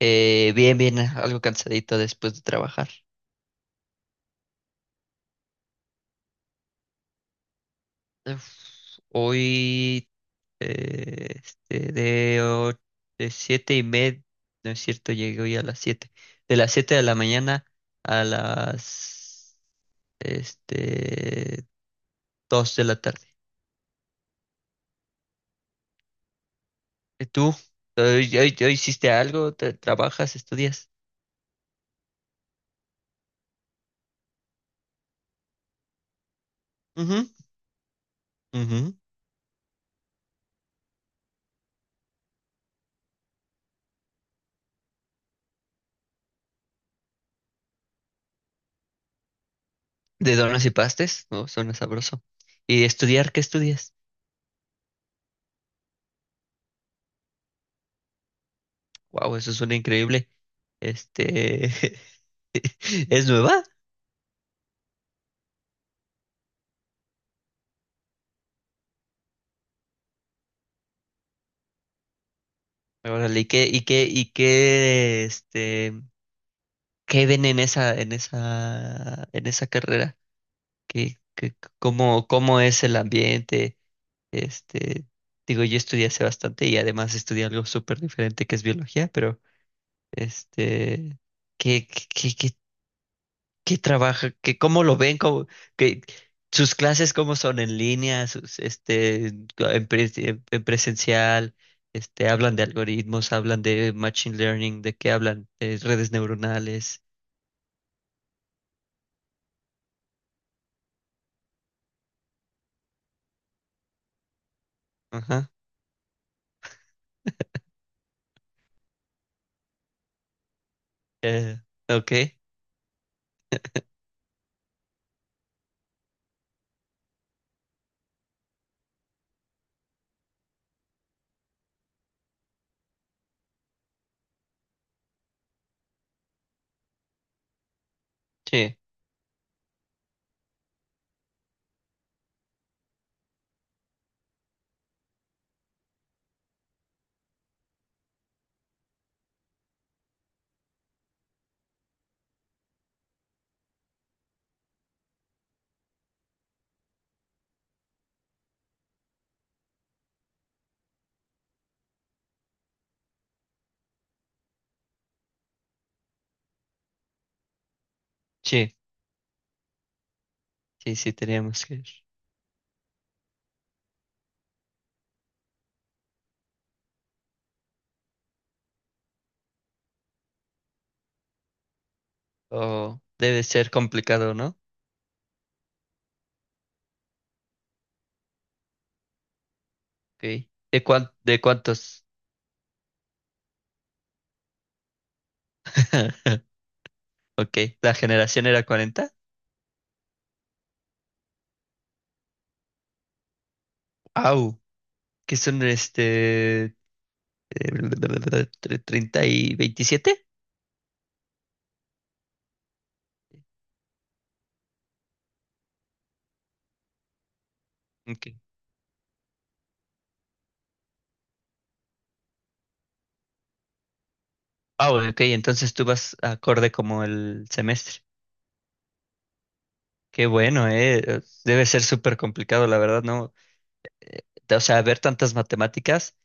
Bien, bien, algo cansadito después de trabajar. Uf, hoy, eh, este, de, o- de siete y media, no es cierto, llegué hoy a las siete. De las siete de la mañana a las, este, dos de la tarde. ¿Y tú? ¿Hoy, hoy hiciste algo? ¿Te- ¿Trabajas? ¿Estudias? Ujú, ujú. ¿De donas y pastes? No, suena sabroso. ¿Y estudiar? ¿Qué estudias? Wow, eso suena increíble. Este, ¿es nueva? Órale, ¿y qué, qué ven en en esa carrera? ¿Qué, qué- cómo, cómo es el ambiente? Este, digo, yo estudié hace bastante y además estudié algo súper diferente que es biología, pero, este, qué ¿Qué trabaja? ¿Qué, cómo lo ven? ¿Cómo, qué- sus clases cómo son en línea, sus, pres- en presencial, hablan de algoritmos, hablan de machine learning, de qué hablan, de redes neuronales. Ajá. Eh, ok. Sí, sí, sí, teníamos que ir. Oh, debe ser complicado, ¿no? Ok. ¿De cuán- de cuántos? Ok. ¿La generación era 40 ¡Au! Que son este? eh, 30 y 27. Ok. Ah, bueno, ok, entonces tú vas acorde como el semestre. Qué bueno, eh. Debe ser súper complicado, la verdad, ¿no? O sea, ver tantas matemáticas,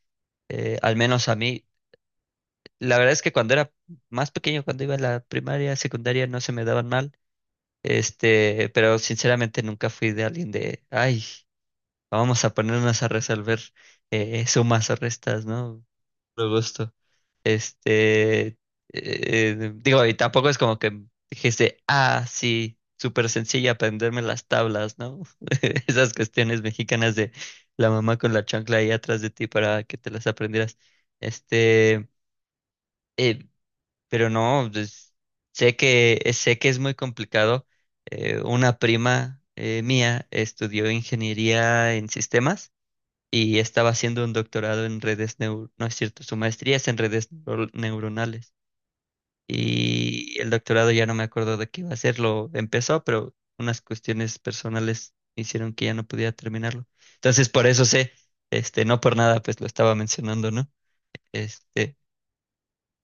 al menos a mí, la verdad es que cuando era más pequeño, cuando iba a la primaria, secundaria, no se me daban mal. Pero sinceramente nunca fui de alguien de, ay, vamos a ponernos a resolver sumas o restas, ¿no? Por gusto. Este, eh, digo, y tampoco es como que dijese, ah, sí, súper sencilla aprenderme las tablas, ¿no? Esas cuestiones mexicanas de la mamá con la chancla ahí atrás de ti para que te las aprendieras. Este, pero no, pues, sé que es muy complicado. Una prima mía estudió ingeniería en sistemas y estaba haciendo un doctorado en redes neu- no es cierto, su maestría es en redes neuronales y el doctorado ya no me acuerdo de qué iba a hacerlo. Empezó, pero unas cuestiones personales hicieron que ya no podía terminarlo. Entonces, por eso sé, no por nada, pues lo estaba mencionando, ¿no? Este,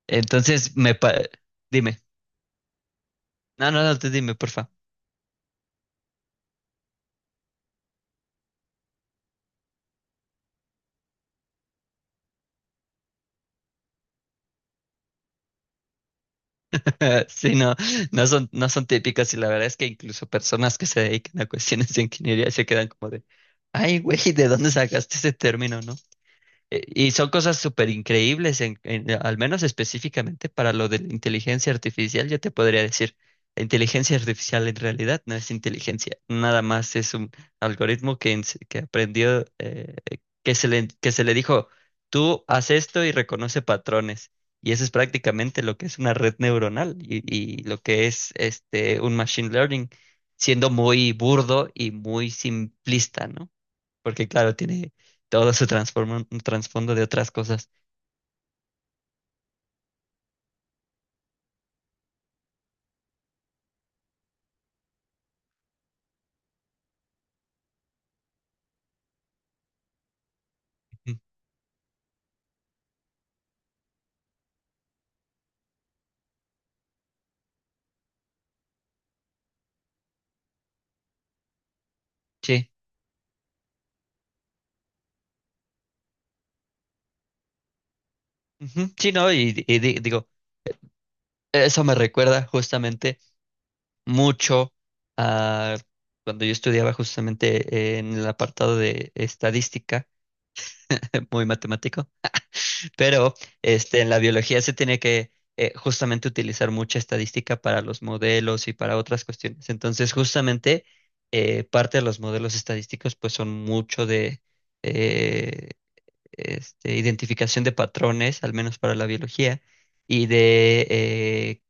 entonces me pa- dime. No, no, no, tú dime, porfa. Sí, no, no son, no son típicas y la verdad es que incluso personas que se dedican a cuestiones de ingeniería se quedan como de, ay, güey, ¿de dónde sacaste ese término, no?" Y son cosas súper increíbles, al menos específicamente para lo de la inteligencia artificial, yo te podría decir, la inteligencia artificial en realidad no es inteligencia, nada más es un algoritmo que, que aprendió, que se le dijo, tú haz esto y reconoce patrones. Y eso es prácticamente lo que es una red neuronal y lo que es un machine learning, siendo muy burdo y muy simplista, ¿no? Porque claro, tiene todo su transformo- un trasfondo de otras cosas. Mm, sí, ujú, sí, no, y, digo, eso me recuerda justamente mucho a cuando yo estudiaba justamente en el apartado de estadística, muy matemático, pero en la biología se tiene que justamente utilizar mucha estadística para los modelos y para otras cuestiones. Entonces, justamente parte de los modelos estadísticos pues son mucho de eh, identificación de patrones, al menos para la biología, y de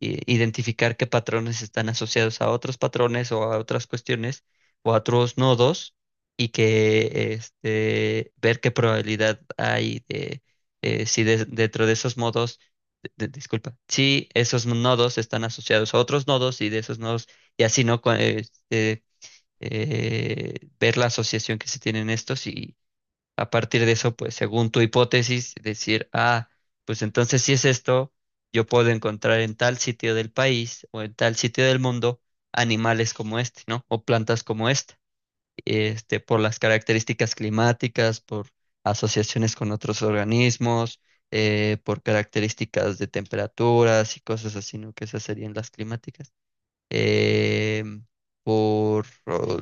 i- identificar qué patrones están asociados a otros patrones o a otras cuestiones o a otros nodos y que ver qué probabilidad hay de si de- dentro de esos modos, disculpa, si esos nodos están asociados a otros nodos y de esos nodos, y así, ¿no? Cu- eh, ver la asociación que se tienen estos a partir de eso, pues según tu hipótesis, decir, ah, pues entonces si es esto, yo puedo encontrar en tal sitio del país o en tal sitio del mundo animales como este, ¿no? O plantas como esta, por las características climáticas, por asociaciones con otros organismos, por características de temperaturas y cosas así, ¿no? Que esas serían las climáticas. Eh, por oh,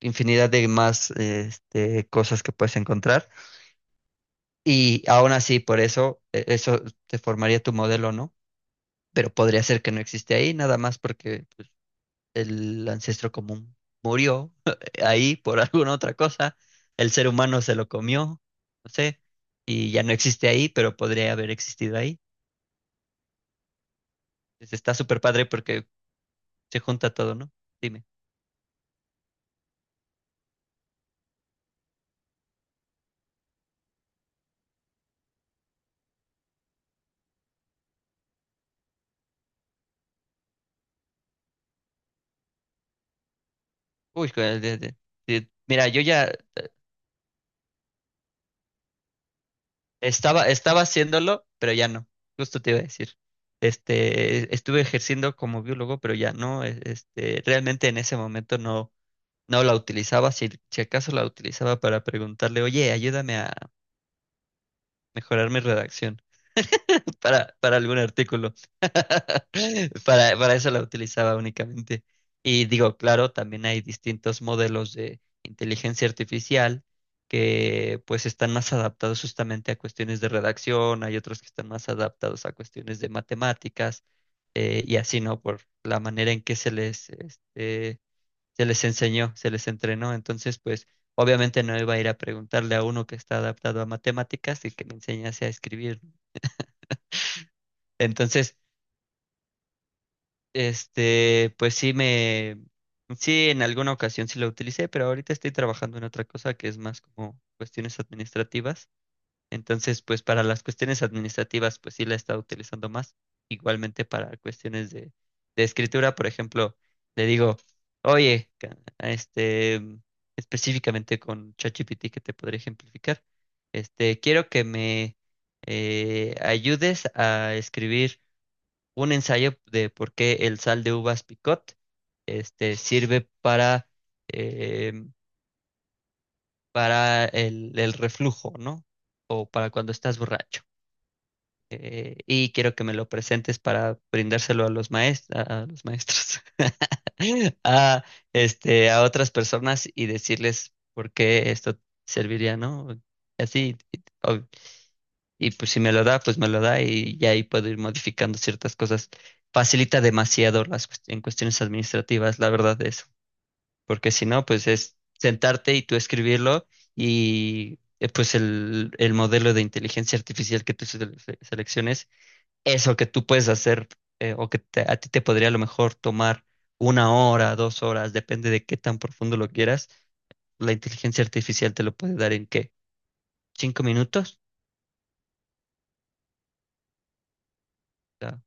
infinidad de más, cosas que puedes encontrar y aún así, por eso, e- eso te formaría tu modelo, ¿no? Pero podría ser que no existe ahí, nada más porque el ancestro común murió ahí por alguna otra cosa, el ser humano se lo comió, no sé, y ya no existe ahí, pero podría haber existido ahí. Entonces, está súper padre porque se junta todo, ¿no? Dime. Uy, mira, yo ya estaba, estaba haciéndolo, pero ya no. Justo te iba a decir. Estuve ejerciendo como biólogo, pero ya no. Realmente en ese momento no, no la utilizaba. Si, si acaso la utilizaba para preguntarle, oye, ayúdame a mejorar mi redacción para algún artículo. Para eso la utilizaba únicamente. Y digo, claro, también hay distintos modelos de inteligencia artificial que pues están más adaptados justamente a cuestiones de redacción, hay otros que están más adaptados a cuestiones de matemáticas y así, ¿no? Por la manera en que se les, se les enseñó, se les entrenó. Entonces, pues obviamente no iba a ir a preguntarle a uno que está adaptado a matemáticas y que me enseñase a escribir. Entonces, pues sí me, sí en alguna ocasión sí la utilicé, pero ahorita estoy trabajando en otra cosa que es más como cuestiones administrativas. Entonces, pues para las cuestiones administrativas, pues sí la he estado utilizando más. Igualmente para cuestiones de escritura, por ejemplo, le digo, oye, específicamente con ChatGPT que te podré ejemplificar, quiero que me ayudes a escribir un ensayo de por qué el sal de uvas picot sirve eh, para el reflujo, ¿no? O para cuando estás borracho. Y quiero que me lo presentes para brindárselo a los maestros, a, a otras personas y decirles por qué esto serviría, ¿no? Así, y pues si me lo da, pues me lo da y ya ahí puedo ir modificando ciertas cosas. Facilita demasiado las cuest- en cuestiones administrativas, la verdad es, porque si no, pues es sentarte y tú escribirlo y pues el modelo de inteligencia artificial que tú selecciones, eso que tú puedes hacer o que te- a ti te podría a lo mejor tomar 1 hora, 2 horas, depende de qué tan profundo lo quieras, la inteligencia artificial te lo puede dar en qué, 5 minutos. O sea,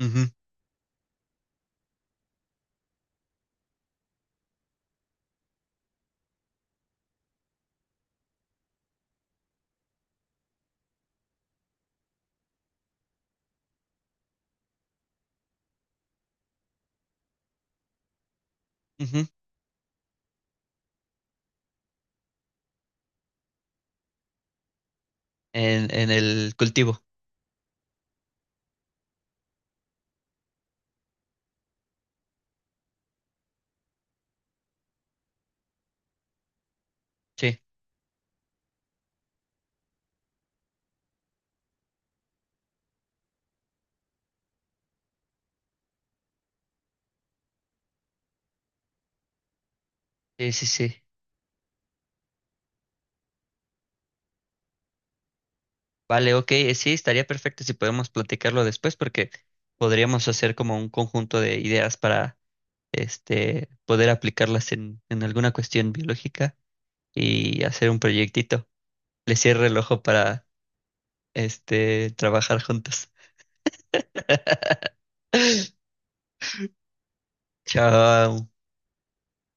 ujú, ujú. En el cultivo. Sí, sí. Vale, ok, sí, estaría perfecto si podemos platicarlo después porque podríamos hacer como un conjunto de ideas para este poder aplicarlas en alguna cuestión biológica y hacer un proyectito. Le cierro el ojo para este trabajar juntos. Chao.